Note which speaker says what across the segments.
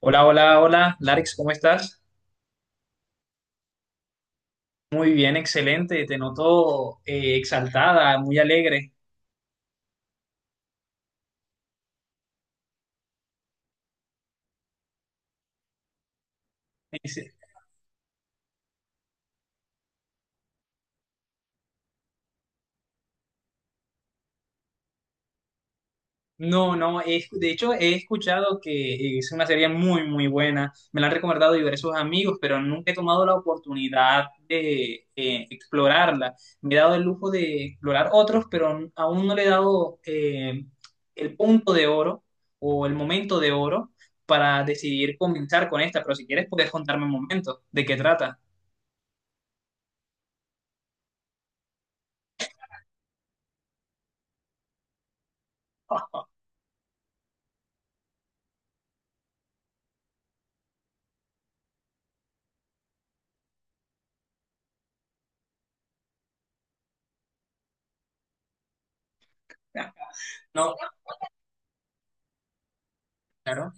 Speaker 1: Hola, hola, hola, Larix, ¿cómo estás? Muy bien, excelente, te noto exaltada, muy alegre. Dice, No, no, he escu- De hecho he escuchado que es una serie muy, muy buena, me la han recomendado diversos amigos, pero nunca he tomado la oportunidad de explorarla. Me he dado el lujo de explorar otros, pero aún no le he dado el punto de oro o el momento de oro para decidir comenzar con esta, pero si quieres puedes contarme un momento de qué trata. No, claro.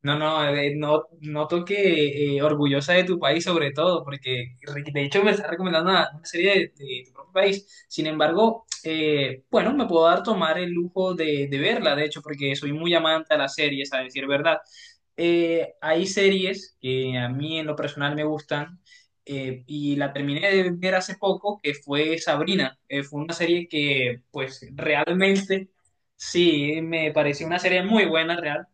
Speaker 1: No, noto que orgullosa de tu país sobre todo, porque de hecho me estás recomendando una serie de tu propio país. Sin embargo, bueno, me puedo dar tomar el lujo de verla, de hecho, porque soy muy amante a las series, a decir verdad. Hay series que a mí en lo personal me gustan y la terminé de ver hace poco, que fue Sabrina. Fue una serie que pues realmente... Sí, me pareció una serie muy buena, real.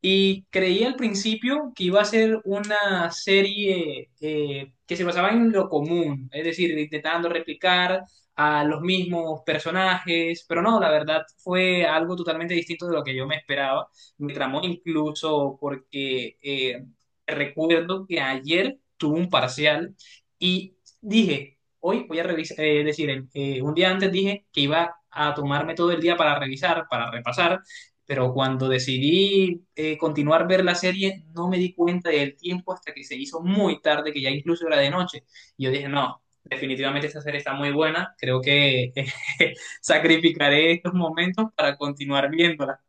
Speaker 1: Y creí al principio que iba a ser una serie que se basaba en lo común, es decir, intentando replicar a los mismos personajes, pero no, la verdad fue algo totalmente distinto de lo que yo me esperaba. Me tramó incluso porque recuerdo que ayer tuve un parcial y dije, hoy voy a revisar, es decir, un día antes dije que iba a tomarme todo el día para revisar, para repasar pero cuando decidí continuar ver la serie, no me di cuenta del tiempo hasta que se hizo muy tarde, que ya incluso era de noche. Y yo dije, no, definitivamente esta serie está muy buena, creo que sacrificaré estos momentos para continuar viéndola.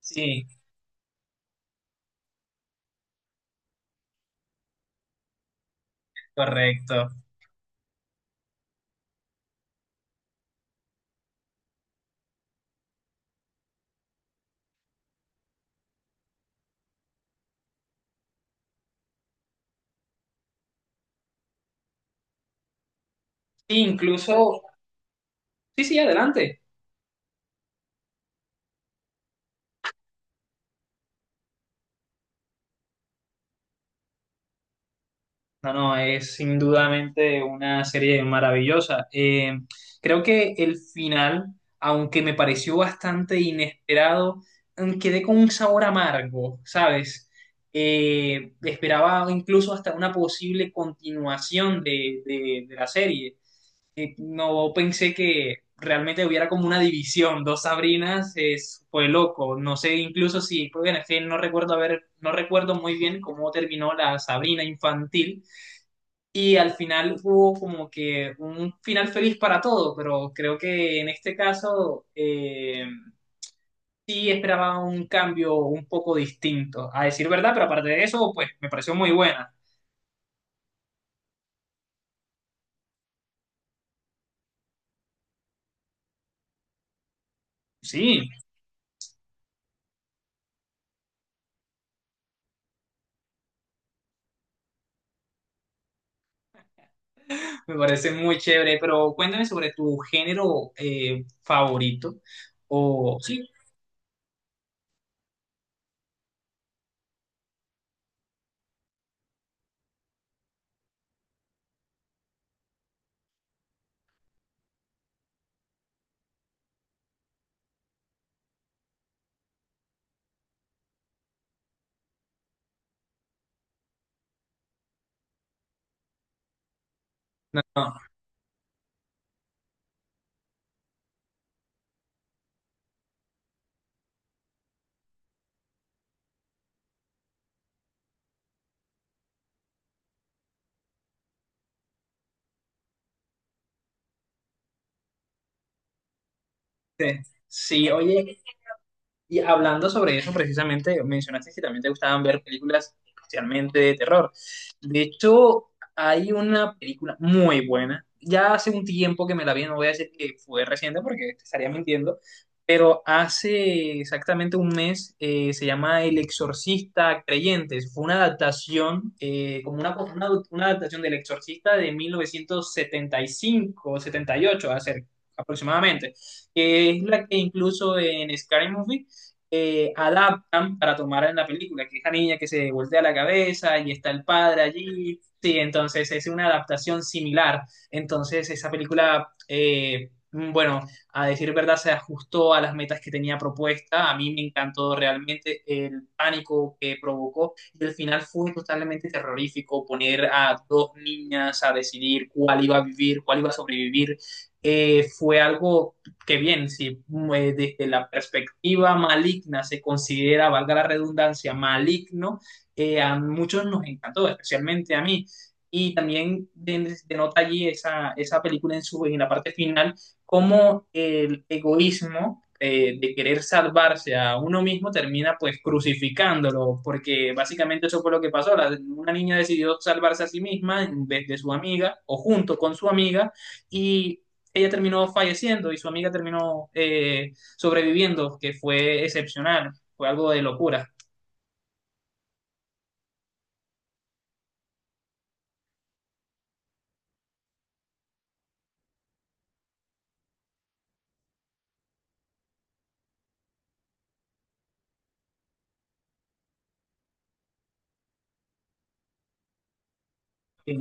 Speaker 1: Sí, correcto. Sí, incluso, sí, sí, adelante. No, no, es indudablemente una serie maravillosa. Creo que el final, aunque me pareció bastante inesperado, quedé con un sabor amargo, ¿sabes? Esperaba incluso hasta una posible continuación de la serie. No pensé que realmente hubiera como una división, dos Sabrinas, es, fue loco. No sé incluso si, pues, bueno, es que no recuerdo haber, no recuerdo muy bien cómo terminó la Sabrina infantil y al final hubo como que un final feliz para todo, pero creo que en este caso sí esperaba un cambio un poco distinto, a decir verdad, pero aparte de eso, pues me pareció muy buena. Sí, me parece muy chévere, pero cuéntame sobre tu género favorito o sí, no, sí, sí, oye, y hablando sobre eso, precisamente mencionaste que también te gustaban ver películas especialmente de terror. De hecho, hay una película muy buena. Ya hace un tiempo que me la vi, no voy a decir que fue reciente porque te estaría mintiendo, pero hace exactamente un mes se llama El Exorcista Creyentes. Fue una adaptación, como una adaptación del Exorcista de 1975 78 aproximadamente, que es la que incluso en Scary Movie adaptan para tomar en la película, que es la niña que se voltea la cabeza y está el padre allí. Sí, entonces es una adaptación similar. Entonces esa película, bueno, a decir verdad, se ajustó a las metas que tenía propuesta. A mí me encantó realmente el pánico que provocó y el final fue totalmente terrorífico poner a dos niñas a decidir cuál iba a vivir, cuál iba a sobrevivir. Fue algo que bien, si desde la perspectiva maligna se considera, valga la redundancia, maligno, a muchos nos encantó, especialmente a mí. Y también denota allí esa película en la parte final, cómo el egoísmo de querer salvarse a uno mismo termina pues crucificándolo, porque básicamente eso fue lo que pasó. Una niña decidió salvarse a sí misma en vez de su amiga o junto con su amiga y ella terminó falleciendo y su amiga terminó sobreviviendo, que fue excepcional, fue algo de locura. Eh,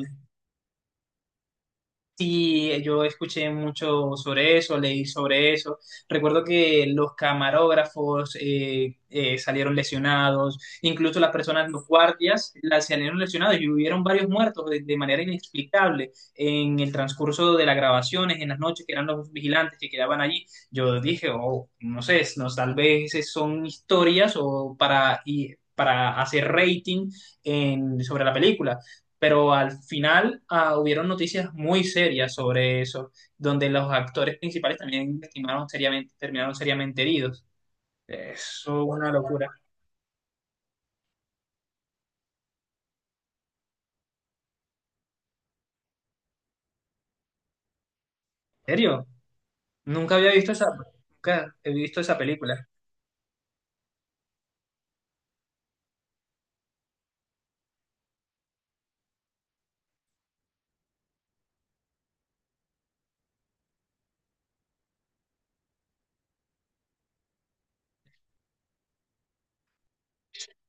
Speaker 1: Sí, yo escuché mucho sobre eso, leí sobre eso. Recuerdo que los camarógrafos salieron lesionados, incluso las personas, los guardias, las salieron lesionados y hubieron varios muertos de manera inexplicable en el transcurso de las grabaciones, en las noches que eran los vigilantes que quedaban allí. Yo dije, oh, no sé, no, tal vez son historias o para, para hacer rating sobre la película pero al final ah, hubieron noticias muy serias sobre eso, donde los actores principales también lastimaron seriamente, terminaron seriamente heridos. Eso es una locura. ¿En serio? Nunca había visto esa, nunca he visto esa película.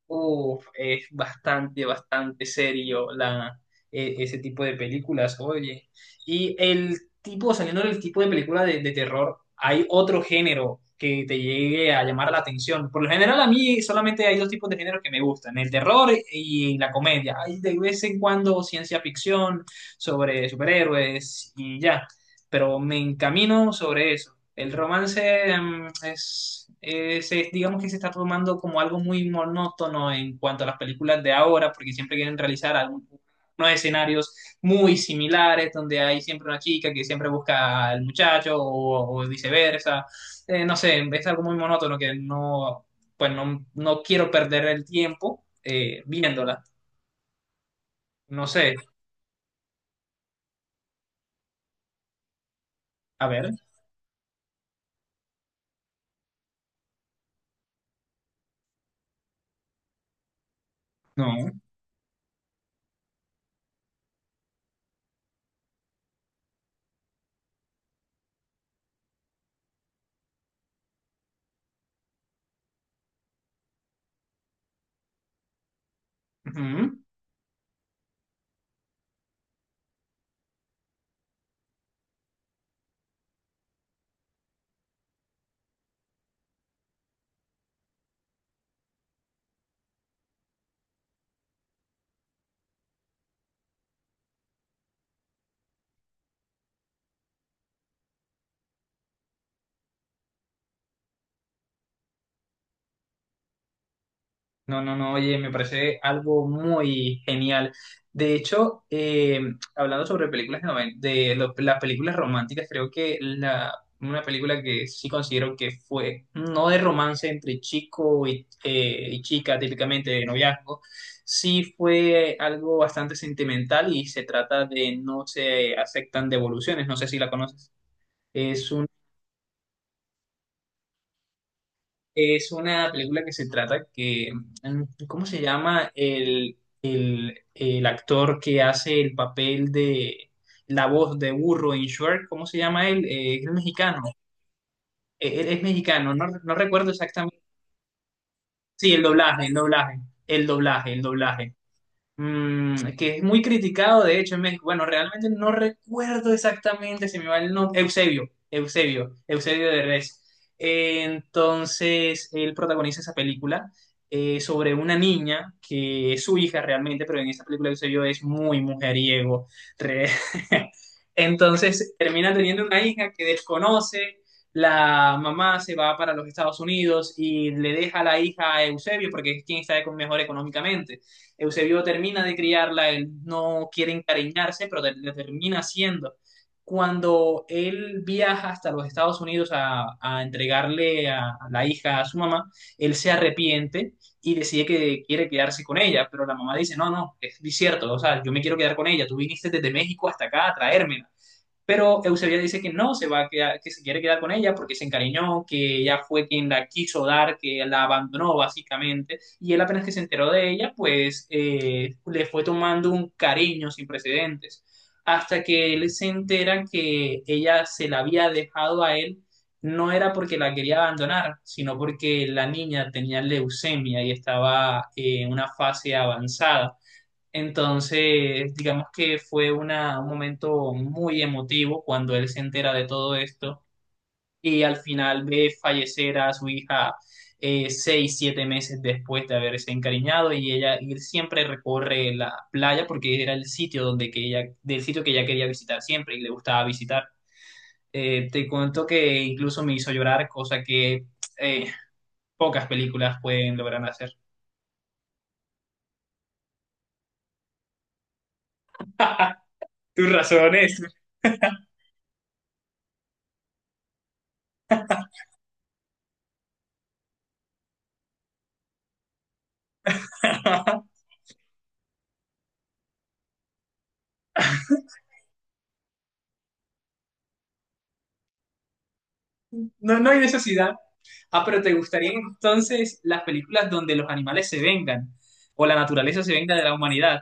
Speaker 1: Uf, es bastante, bastante serio la, ese tipo de películas, oye. Y el tipo, saliendo del tipo de película de terror, hay otro género que te llegue a llamar la atención. Por lo general, a mí solamente hay dos tipos de géneros que me gustan, el terror y la comedia. Hay de vez en cuando ciencia ficción sobre superhéroes y ya, pero me encamino sobre eso. El romance digamos que se está tomando como algo muy monótono en cuanto a las películas de ahora, porque siempre quieren realizar unos escenarios muy similares, donde hay siempre una chica que siempre busca al muchacho o viceversa. No sé, es algo muy monótono que no, pues no, no quiero perder el tiempo viéndola. No sé, a ver, no. Ujú. No, no, no, oye, me parece algo muy genial. De hecho, hablando sobre películas de las películas románticas, creo que una película que sí considero que fue no de romance entre chico y chica, típicamente de noviazgo, sí fue algo bastante sentimental y se trata de No se aceptan devoluciones, no sé si la conoces. es Es una película que se trata que, mm, ¿cómo se llama? El actor que hace el papel de la voz de burro en Shrek, ¿cómo se llama él? Es mexicano, él es mexicano, no, no recuerdo exactamente. Sí, el doblaje. Mm, que es muy criticado, de hecho, en México. Bueno, realmente no recuerdo exactamente, se me va el nombre. Eusebio de Res. Entonces, él protagoniza esa película sobre una niña que es su hija realmente, pero en esa película Eusebio es muy mujeriego. Re- Entonces, termina teniendo una hija que desconoce. La mamá se va para los Estados Unidos y le deja la hija a Eusebio porque es quien está mejor económicamente. Eusebio termina de criarla, él no quiere encariñarse, pero le termina haciendo. Cuando él viaja hasta los Estados Unidos a entregarle a la hija a su mamá, él se arrepiente y decide que quiere quedarse con ella, pero la mamá dice, no, no, es cierto, o sea, yo me quiero quedar con ella, tú viniste desde México hasta acá a traérmela. Pero Eusebia dice que no, se va a quedar- que se quiere quedar con ella porque se encariñó, que ella fue quien la quiso dar, que la abandonó básicamente. Y él apenas que se enteró de ella, pues le fue tomando un cariño sin precedentes. Hasta que él se entera que ella se la había dejado a él, no era porque la quería abandonar, sino porque la niña tenía leucemia y estaba en una fase avanzada. Entonces, digamos que fue un momento muy emotivo cuando él se entera de todo esto y al final ve fallecer a su hija seis, siete meses después de haberse encariñado y ella y él siempre recorre la playa porque era el sitio donde que ella, del sitio que ella quería visitar siempre y le gustaba visitar. Te cuento que incluso me hizo llorar, cosa que eh, pocas películas pueden lograr hacer. Tus razones. No, no hay necesidad. Ah, pero ¿te gustarían entonces las películas donde los animales se vengan o la naturaleza se venga de la humanidad?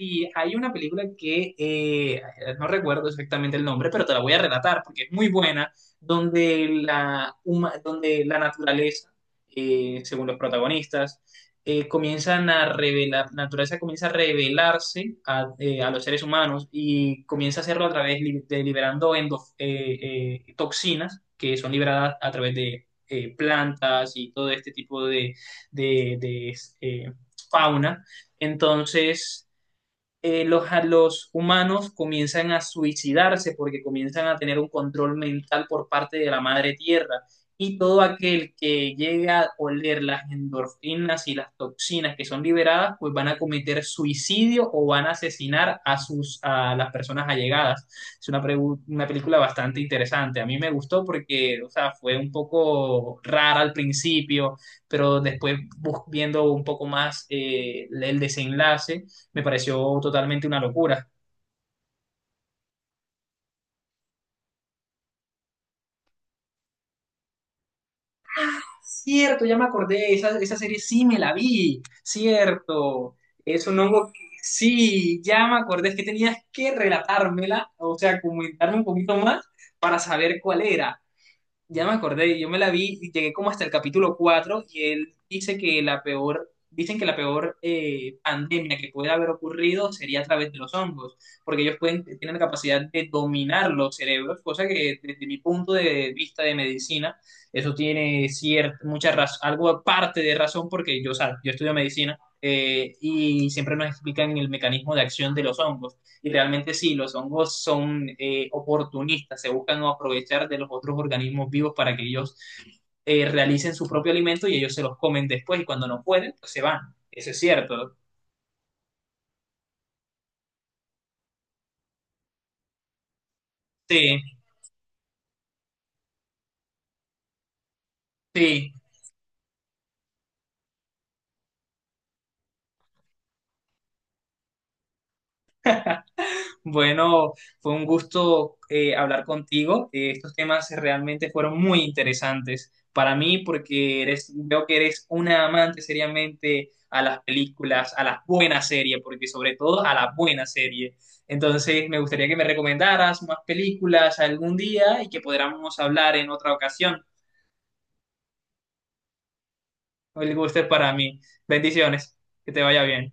Speaker 1: Y hay una película que no recuerdo exactamente el nombre, pero te la voy a relatar porque es muy buena, donde donde la naturaleza, según los protagonistas, comienzan a revelar, la naturaleza comienza a revelarse a los seres humanos y comienza a hacerlo a través de liberando toxinas que son liberadas a través de plantas y todo este tipo de, eh, fauna. Entonces los humanos comienzan a suicidarse porque comienzan a tener un control mental por parte de la madre tierra. Y todo aquel que llega a oler las endorfinas y las toxinas que son liberadas, pues van a cometer suicidio o van a asesinar a las personas allegadas. Es una película bastante interesante. A mí me gustó porque, o sea, fue un poco rara al principio, pero después viendo un poco más el desenlace me pareció totalmente una locura. Cierto, ya me acordé, esa serie sí me la vi, cierto. Es un hongo que sí, ya me acordé, es que tenías que relatármela, o sea, comentarme un poquito más para saber cuál era. Ya me acordé, yo me la vi y llegué como hasta el capítulo 4 y él dice que la peor, dicen que la peor pandemia que puede haber ocurrido sería a través de los hongos, porque ellos pueden, tienen la capacidad de dominar los cerebros, cosa que desde mi punto de vista de medicina, eso tiene cierta, mucha razón, algo aparte de razón, porque yo, o sea, yo estudio medicina y siempre nos explican el mecanismo de acción de los hongos. Y realmente sí, los hongos son oportunistas, se buscan aprovechar de los otros organismos vivos para que ellos realicen su propio alimento y ellos se los comen después y cuando no pueden, pues se van. Eso es cierto. Sí, sí. Bueno, fue un gusto hablar contigo. Estos temas realmente fueron muy interesantes para mí porque eres, veo que eres una amante seriamente a las películas, a las buenas series, porque sobre todo a la buena serie. Entonces, me gustaría que me recomendaras más películas algún día y que podamos hablar en otra ocasión. El gusto es para mí. Bendiciones. Que te vaya bien.